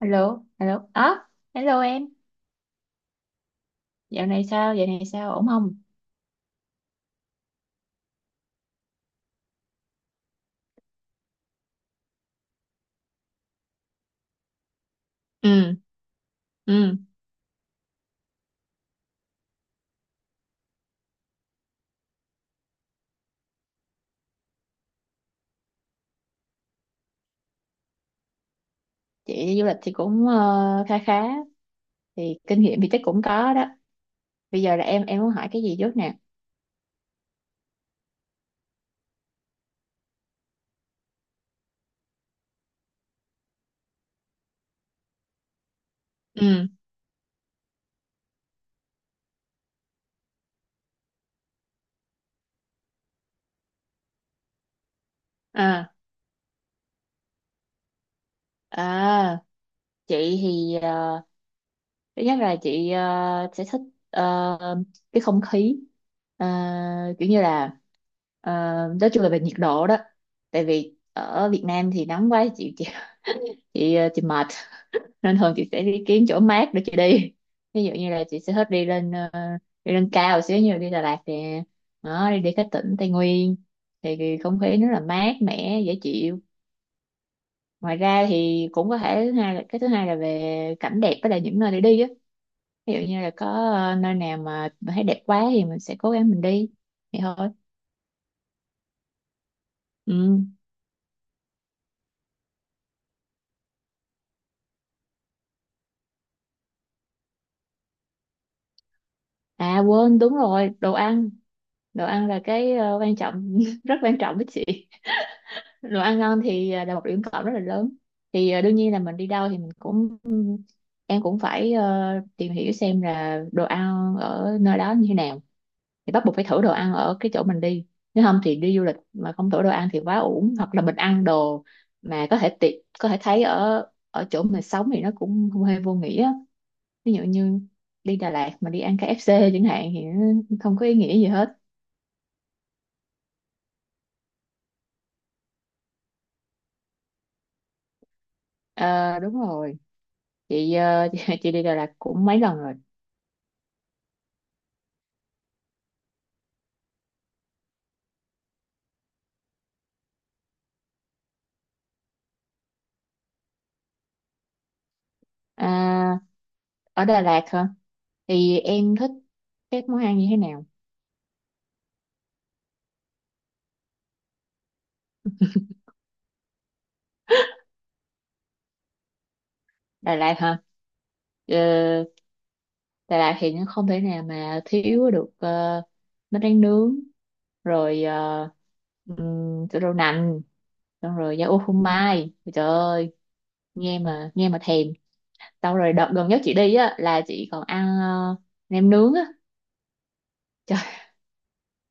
Hello, hello. À, hello em. Dạo này sao? Dạo này sao? Ổn không? ừ ừ Chị đi du lịch thì cũng khá khá. Thì kinh nghiệm thì chắc cũng có đó. Bây giờ là em muốn hỏi cái gì trước nè? ừ à À, chị thì thứ nhất là chị sẽ thích ờ, cái không khí. Ờ, Kiểu như là ờ, nói chung là về nhiệt độ đó. Tại vì ở Việt Nam thì nắng quá chị mệt, nên thường chị sẽ đi kiếm chỗ mát để chị đi. Ví dụ như là chị sẽ thích đi lên đi lên cao một xíu, như đi Đà Lạt nè, đó đi đi các tỉnh Tây Nguyên, thì cái không khí nó là mát mẻ dễ chịu. Ngoài ra thì cũng có thể thứ hai là thứ hai là về cảnh đẹp với là những nơi để đi á. Ví dụ như là có nơi nào mà mình thấy đẹp quá thì mình sẽ cố gắng mình đi, vậy thôi. Ừ. À quên đúng rồi, đồ ăn, đồ ăn là cái quan trọng, rất quan trọng với chị. Đồ ăn ngon thì à, là một điểm cộng rất là lớn. Thì à, đương nhiên là mình đi đâu thì mình cũng em cũng phải tìm hiểu xem là đồ ăn ở nơi đó như thế nào, thì bắt buộc phải thử đồ ăn ở cái chỗ mình đi. Nếu không thì đi du lịch mà không thử đồ ăn thì quá uổng, hoặc là mình ăn đồ mà có thể tiện có thể thấy ở ở chỗ mình sống thì nó cũng không hề vô nghĩa. Ví dụ như đi Đà Lạt mà đi ăn KFC chẳng hạn thì nó không có ý nghĩa gì hết. Ờ, đúng rồi. Chị, chị đi Đà Lạt cũng mấy lần rồi. À, ở Đà Lạt hả, thì em thích các món ăn như thế nào? Đà Lạt hả, ờ, Đà Lạt thì nó không thể nào mà thiếu được bánh tráng nướng, rồi chỗ đậu nành, xong rồi da ô phô mai. Ôi trời ơi, nghe mà thèm. Xong rồi đợt gần nhất chị đi á là chị còn ăn nem nướng á, trời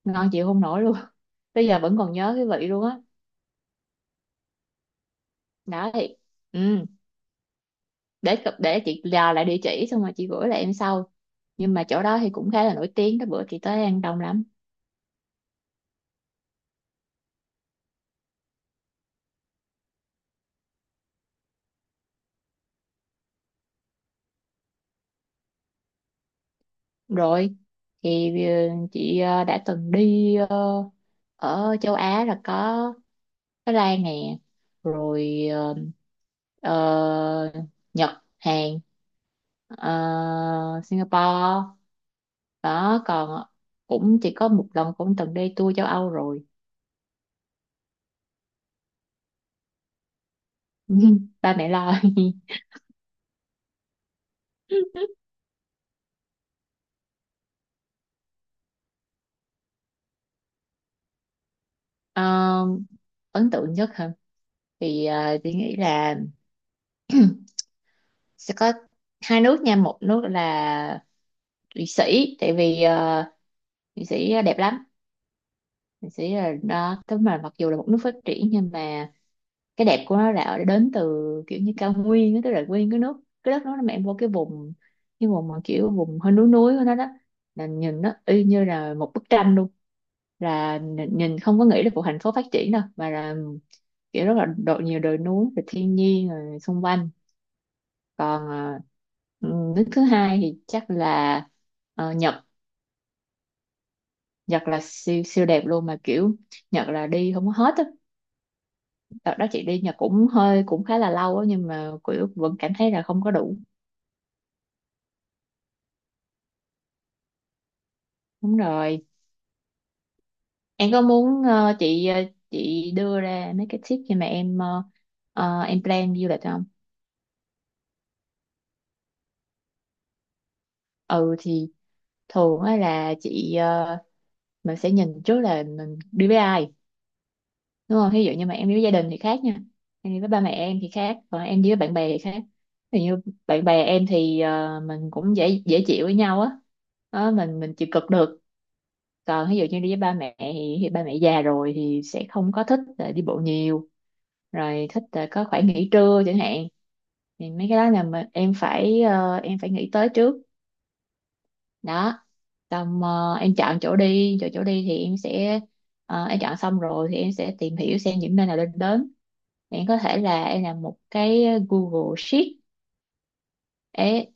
ngon chịu không nổi luôn, tới giờ vẫn còn nhớ cái vị luôn á. Đó thì ừ, để cập để chị dò lại địa chỉ xong rồi chị gửi lại em sau. Nhưng mà chỗ đó thì cũng khá là nổi tiếng đó, bữa chị tới ăn đông lắm. Rồi thì chị đã từng đi ở châu Á là có Thái Lan nè, rồi ờ, Nhật, Hàn, ờ, Singapore, đó còn cũng chỉ có một lần cũng từng đi tour châu Âu rồi. Ba mẹ lo. Ờ, ấn tượng nhất hả, thì chị nghĩ là sẽ có hai nước nha, một nước là Thụy Sĩ, tại vì Thụy Sĩ đẹp lắm. Thụy Sĩ là đó tức mà mặc dù là một nước phát triển nhưng mà cái đẹp của nó là ở- đến từ kiểu như cao nguyên á, tức là nguyên cái nước, cái đất nó, mà em vô cái vùng, mà kiểu vùng hơi núi núi của nó đó, là nhìn nó y như là một bức tranh luôn, là nhìn nhìn không có nghĩ là một thành phố phát triển đâu mà là kiểu rất là độ nhiều đồi núi rồi thiên nhiên rồi xung quanh. Còn nước thứ hai thì chắc là Nhật. Nhật là siêu siêu đẹp luôn mà kiểu Nhật là đi không có hết á, đợt đó chị đi Nhật cũng hơi cũng khá là lâu á nhưng mà kiểu vẫn cảm thấy là không có đủ. Đúng rồi, em có muốn chị chị đưa ra mấy cái tip khi mà em em plan du lịch không? Ừ thì thường á là chị mình sẽ nhìn trước là mình đi với ai, đúng không? Ví dụ như mà em đi với gia đình thì khác nha, em đi với ba mẹ em thì khác, còn em đi với bạn bè thì khác. Ví dụ như bạn bè em thì mình cũng dễ dễ chịu với nhau á. Đó, mình chịu cực được. Còn ví dụ như đi với ba mẹ thì ba mẹ già rồi thì sẽ không có thích là đi bộ nhiều, rồi thích là có khoảng nghỉ trưa chẳng hạn, thì mấy cái đó là mà em phải em phải nghĩ tới trước. Đó, xong em chọn chỗ đi, chỗ chỗ đi thì em sẽ em chọn xong rồi thì em sẽ tìm hiểu xem những nơi nào nên đến. Bạn có thể là em làm một cái Google Sheet. Ê,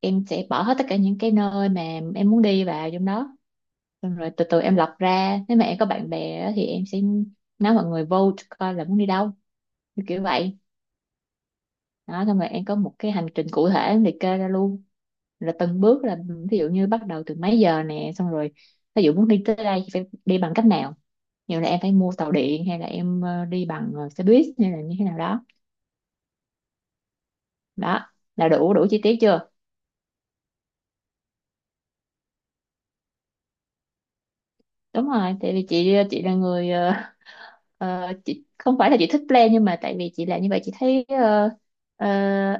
em sẽ bỏ hết tất cả những cái nơi mà em muốn đi vào trong đó, xong rồi từ từ em lọc ra. Nếu mà em có bạn bè á, thì em sẽ nói mọi người vote coi là muốn đi đâu, như kiểu vậy. Đó, xong rồi em có một cái hành trình cụ thể em liệt kê ra luôn, là từng bước là ví dụ như bắt đầu từ mấy giờ nè, xong rồi ví dụ muốn đi tới đây thì phải đi bằng cách nào, nhiều là em phải mua tàu điện hay là em đi bằng xe buýt hay là như thế nào đó. Đó là đủ, đủ chi tiết chưa? Đúng rồi, tại vì chị là người chị không phải là chị thích plan, nhưng mà tại vì chị làm như vậy chị thấy ờ,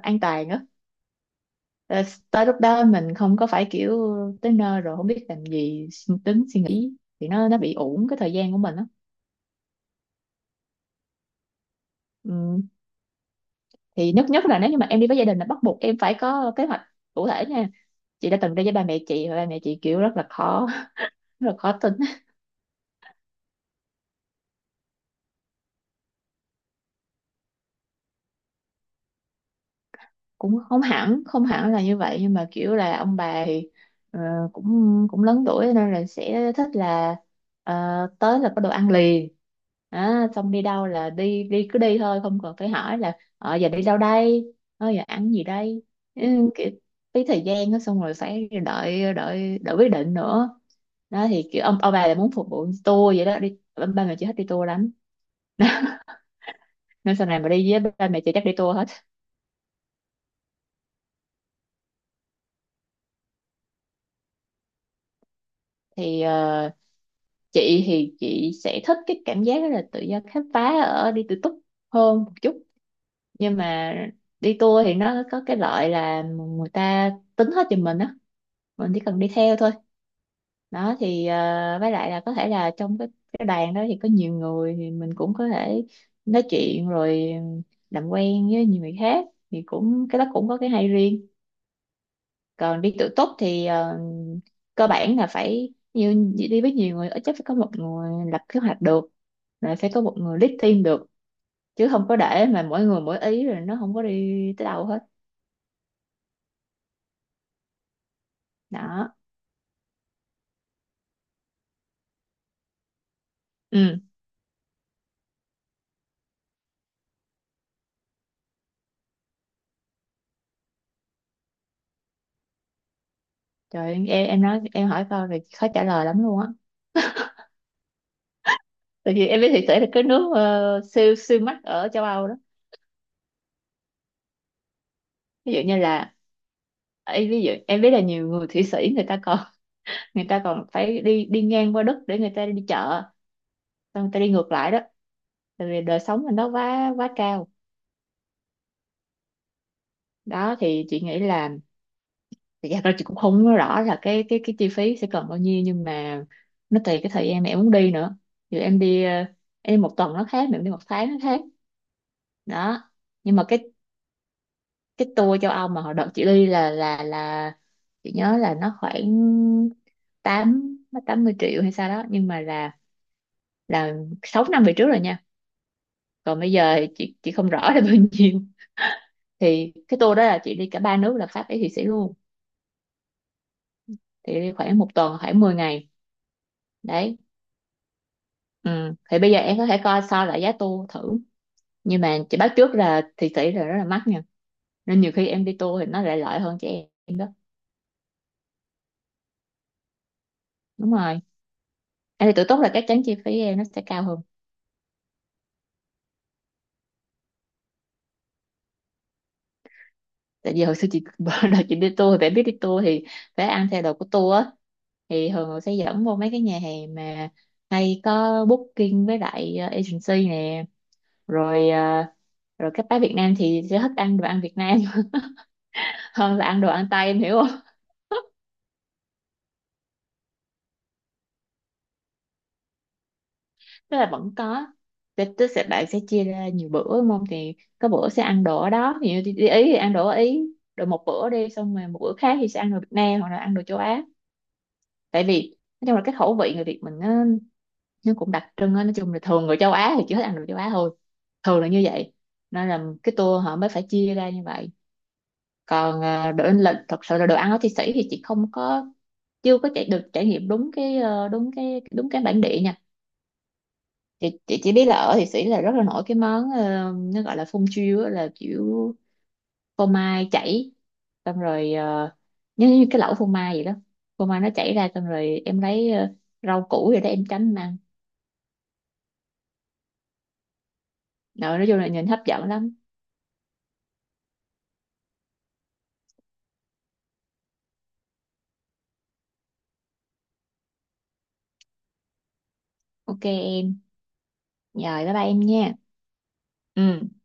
an toàn á. Ờ, tới lúc đó mình không có phải kiểu tới nơi rồi không biết làm gì, suy tính suy nghĩ thì nó bị uổng cái thời gian của mình á. Ừm, thì nhất nhất là nếu như mà em đi với gia đình là bắt buộc em phải có kế hoạch cụ thể nha. Chị đã từng đi với ba mẹ chị và ba mẹ chị kiểu rất là khó, rất là khó tin. Cũng không hẳn Không hẳn là như vậy nhưng mà kiểu là ông bà thì ờ, cũng cũng lớn tuổi nên là sẽ thích là ờ, tới là có đồ ăn liền. Đó, xong đi đâu là đi, đi cứ đi thôi, không cần phải hỏi là ờ giờ đi đâu đây, ờ giờ ăn gì đây, ừ, kiểu phí thời gian đó, xong rồi phải đợi đợi đợi quyết định nữa. Đó thì kiểu ông bà là muốn phục vụ tour vậy đó, đi ba ba mẹ chị thích đi tour lắm. Nên sau này mà đi với ba mẹ chị chắc đi tour hết. Thì chị thì chị sẽ thích cái cảm giác đó là tự do khám phá ở đi tự túc hơn một chút. Nhưng mà đi tour thì nó có cái lợi là người ta tính hết giùm mình á, mình chỉ cần đi theo thôi. Đó thì với lại là có thể là trong cái đoàn đó thì có nhiều người thì mình cũng có thể nói chuyện rồi làm quen với nhiều người khác, thì cũng cái đó cũng có cái hay riêng. Còn đi tự túc thì cơ bản là phải như đi với nhiều người, ít nhất phải có một người lập kế hoạch được, rồi phải có một người lead team được, chứ không có để mà mỗi người mỗi ý rồi nó không có đi tới đâu hết. Đó. Ừ trời, em nói em hỏi câu thì khó trả lời lắm luôn á. Tại vì em biết thị tế là cái nước siêu siêu mắc ở châu Âu đó. Ví dụ như là ấy, ví dụ em biết là nhiều người Thụy Sĩ người ta còn người ta còn phải đi đi ngang qua Đức để người ta đi chợ, tao tao đi ngược lại đó, tại vì đời sống mình nó quá quá cao. Đó thì chị nghĩ là thì thật ra là chị cũng không nói rõ là cái chi phí sẽ cần bao nhiêu, nhưng mà nó tùy cái thời gian mà em muốn đi nữa. Dù em đi em đi một tuần nó khác, mà em đi một tháng nó khác. Đó, nhưng mà cái tour châu Âu mà hồi đợt chị đi là chị nhớ là nó khoảng tám, tám mươi triệu hay sao đó, nhưng mà là là sáu năm về trước rồi nha. Còn bây giờ thì chị không rõ là bao nhiêu. Thì cái tour đó là chị đi cả ba nước là Pháp, Ý, Thụy Sĩ luôn, thì đi khoảng một tuần khoảng 10 ngày. Đấy. Ừ. Thì bây giờ em có thể coi so lại giá tour thử, nhưng mà chị báo trước là Thụy Sĩ là rất là mắc nha, nên nhiều khi em đi tour thì nó lại lợi hơn cho em đó. Đúng rồi, em thì tự túc là chắc chắn chi phí em nó sẽ cao hơn. Tại vì hồi xưa chị bữa đầu chị đi tour thì phải biết đi tour thì phải ăn theo đồ của tour á, thì thường họ sẽ dẫn vô mấy cái nhà hàng mà hay có booking với lại agency nè, rồi rồi các bác Việt Nam thì sẽ thích ăn đồ ăn Việt Nam hơn là ăn đồ ăn Tây, em hiểu không? Tức là vẫn có. Tức Tức sẽ sẽ chia ra nhiều bữa đúng không, thì có bữa sẽ ăn đồ ở đó, ví dụ đi, đi Ý thì ăn đồ ở Ý, rồi một bữa đi xong rồi một bữa khác thì sẽ ăn đồ Việt Nam hoặc là ăn đồ châu Á. Tại vì nói chung là cái khẩu vị người Việt mình nó cũng đặc trưng á. Nói chung là thường người châu Á thì chỉ thích ăn đồ châu Á thôi, thường là như vậy, nên là cái tour họ mới phải chia ra như vậy. Còn à, đồ in lệnh thật sự là đồ ăn ở Thụy Sĩ thì chị không có chưa có chạy được trải nghiệm đúng cái đúng cái bản địa nha. Chị chỉ biết là ở Thụy Sĩ là rất là nổi cái món nó gọi là phun chiêu á, là kiểu phô mai chảy, xong rồi nhớ như cái lẩu phô mai vậy đó, phô mai nó chảy ra xong rồi em lấy rau củ rồi đó em chấm em ăn. Rồi nói chung là nhìn hấp dẫn lắm. Ok em, rồi bye bye em nha. Ừ.